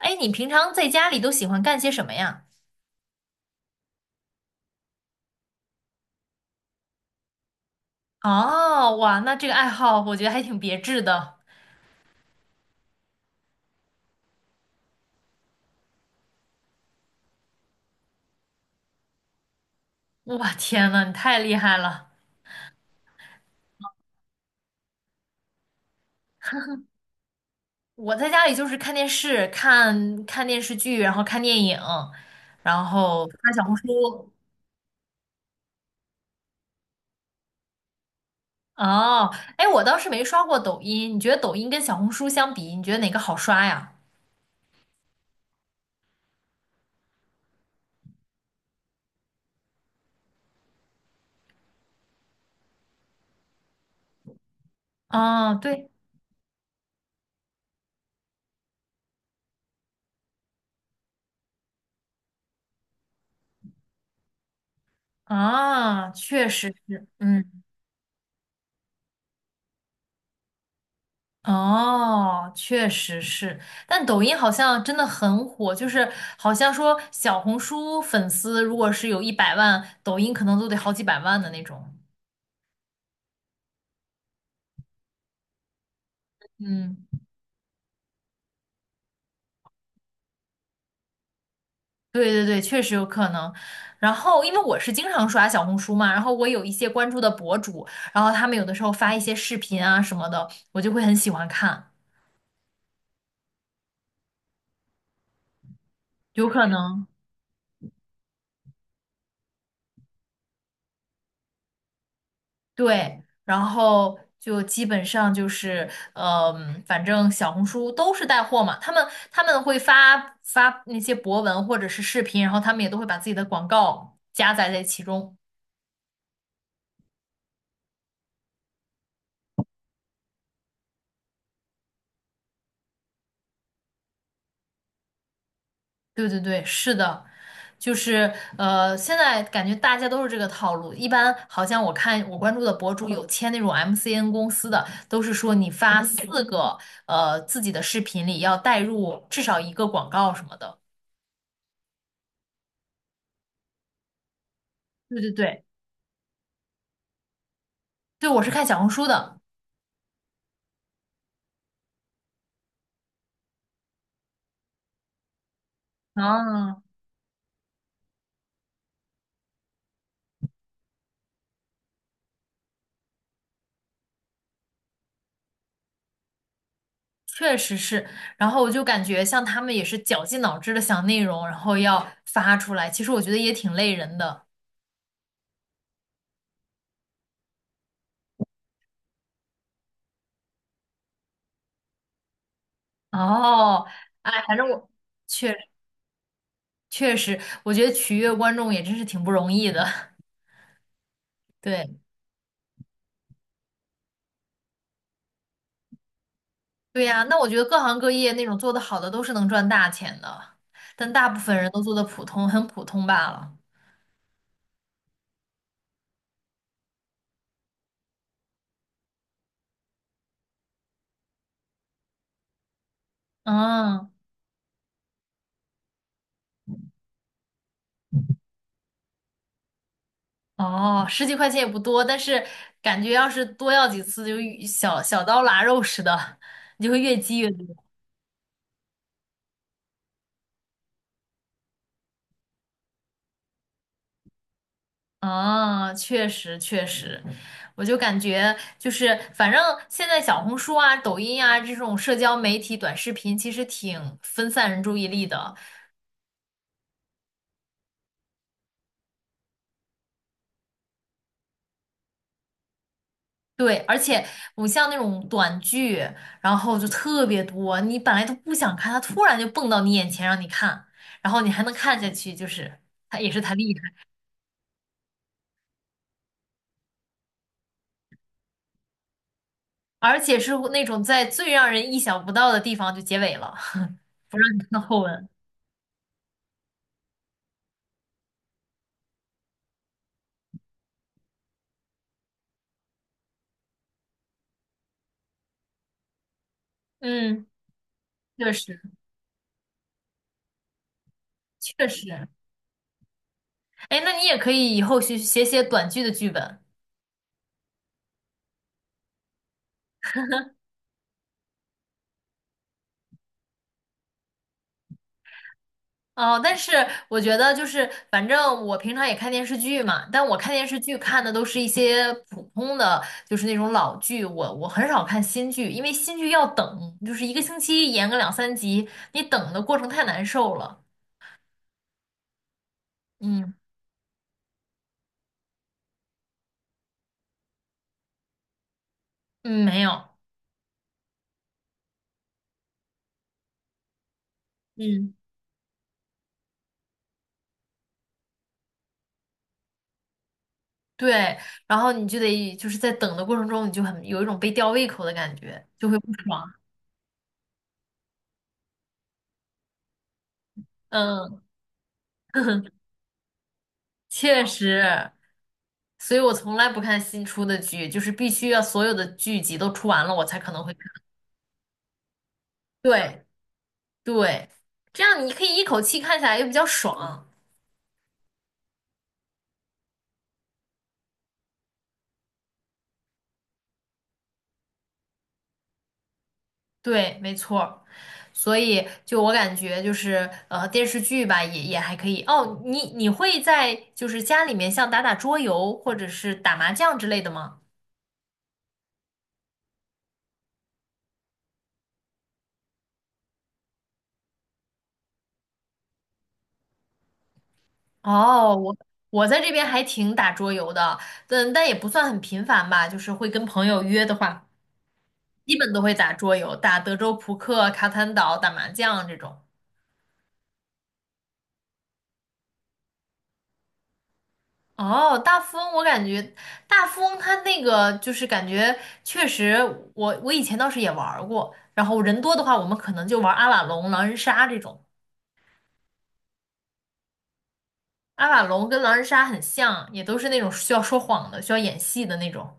哎，你平常在家里都喜欢干些什么呀？哦，哇，那这个爱好我觉得还挺别致的。哇，天呐，你太厉害了！我在家里就是看电视、看看电视剧，然后看电影，然后看小红书。哦，哎，我倒是没刷过抖音。你觉得抖音跟小红书相比，你觉得哪个好刷呀？哦，对，啊，确实是，嗯。哦，确实是，但抖音好像真的很火，就是好像说小红书粉丝如果是有100万，抖音可能都得好几百万的那种。嗯，对对对，确实有可能。然后，因为我是经常刷小红书嘛，然后我有一些关注的博主，然后他们有的时候发一些视频啊什么的，我就会很喜欢看，有可能。对，然后就基本上就是，嗯、反正小红书都是带货嘛，他们会发发那些博文或者是视频，然后他们也都会把自己的广告加载在其中。对对对，是的，就是现在感觉大家都是这个套路，一般好像我看我关注的博主有签那种 MCN 公司的，都是说你发四个自己的视频里要带入至少一个广告什么的。对对对，对，我是看小红书的。啊，确实是。然后我就感觉像他们也是绞尽脑汁的想内容，然后要发出来。其实我觉得也挺累人的。哦，哎，反正我确确实，我觉得取悦观众也真是挺不容易的。对，对呀，那我觉得各行各业那种做的好的都是能赚大钱的，但大部分人都做的普通，很普通罢了。嗯，哦，十几块钱也不多，但是感觉要是多要几次就小刀拉肉似的，你就会越积越多。啊，确实确实，我就感觉就是，反正现在小红书啊、抖音啊这种社交媒体短视频，其实挺分散人注意力的。对，而且我像那种短剧，然后就特别多，你本来都不想看，它突然就蹦到你眼前让你看，然后你还能看下去，就是它也是它厉害，而且是那种在最让人意想不到的地方就结尾了，那后文。嗯，确实确实。哎，那你也可以以后写写短剧的剧本。哦，但是我觉得就是，反正我平常也看电视剧嘛，但我看电视剧看的都是一些普通的，就是那种老剧。我很少看新剧，因为新剧要等，就是一个星期演个两三集，你等的过程太难受了。嗯嗯，没有，嗯，对。然后你就得就是在等的过程中，你就很有一种被吊胃口的感觉，就会不爽。嗯，确实。所以我从来不看新出的剧，就是必须要所有的剧集都出完了，我才可能会看。对对，这样你可以一口气看下来，又比较爽。对，没错儿。所以就我感觉就是电视剧吧，也还可以。哦，你会在就是家里面像打打桌游或者是打麻将之类的吗？哦，我在这边还挺打桌游的，但也不算很频繁吧，就是会跟朋友约的话。基本都会打桌游，打德州扑克、卡坦岛、打麻将这种。哦，大富翁，我感觉大富翁它那个就是感觉确实我以前倒是也玩儿过。然后人多的话，我们可能就玩阿瓦隆、狼人杀这种。阿瓦隆跟狼人杀很像，也都是那种需要说谎的、需要演戏的那种。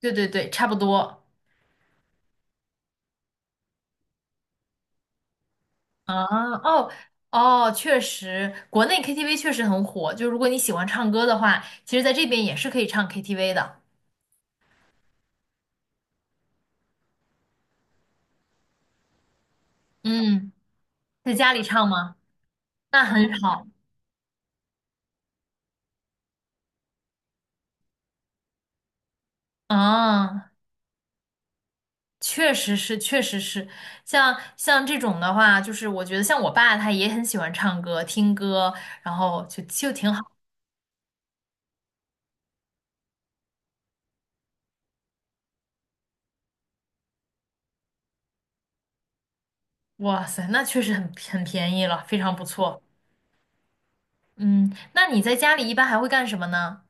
对对对，差不多。啊，哦哦，确实，国内 KTV 确实很火。就如果你喜欢唱歌的话，其实在这边也是可以唱 KTV 的。嗯。在家里唱吗？那很好啊，确实是，确实是，像这种的话，就是我觉得像我爸他也很喜欢唱歌、听歌，然后就挺好。哇塞，那确实很便宜了，非常不错。嗯，那你在家里一般还会干什么呢？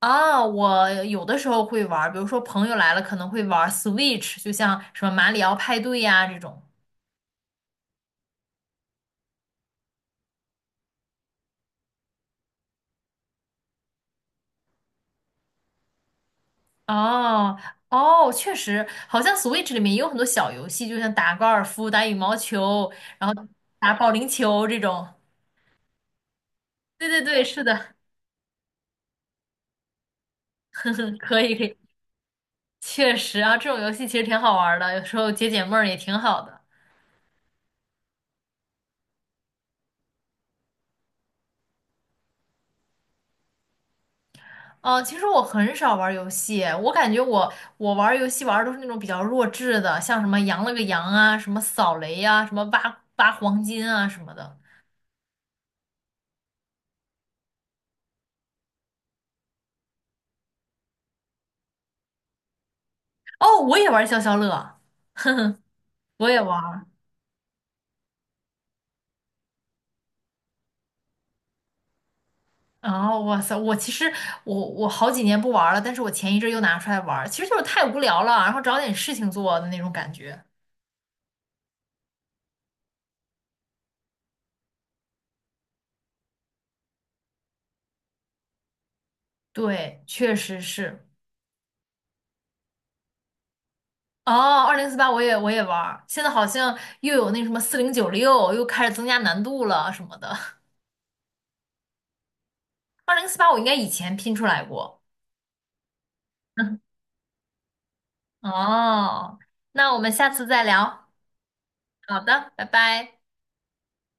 啊，我有的时候会玩儿，比如说朋友来了可能会玩儿 Switch，就像什么马里奥派对呀、这种。哦哦，确实，好像 Switch 里面也有很多小游戏，就像打高尔夫、打羽毛球，然后打保龄球这种。对对对，是的，呵呵，可以可以，确实啊，这种游戏其实挺好玩儿的，有时候解解闷儿也挺好的。哦，其实我很少玩儿游戏，我感觉我玩儿游戏玩的都是那种比较弱智的，像什么羊了个羊啊，什么扫雷呀、啊，什么挖挖黄金啊什么的。哦，我也玩儿消消乐，我也玩。哦，哇塞！我其实我好几年不玩了，但是我前一阵又拿出来玩儿，其实就是太无聊了，然后找点事情做的那种感觉。对，确实是。哦，二零四八我也玩儿，现在好像又有那什么4096，又开始增加难度了什么的。二零四八我应该以前拼出来过。哦，那我们下次再聊。好的，拜拜。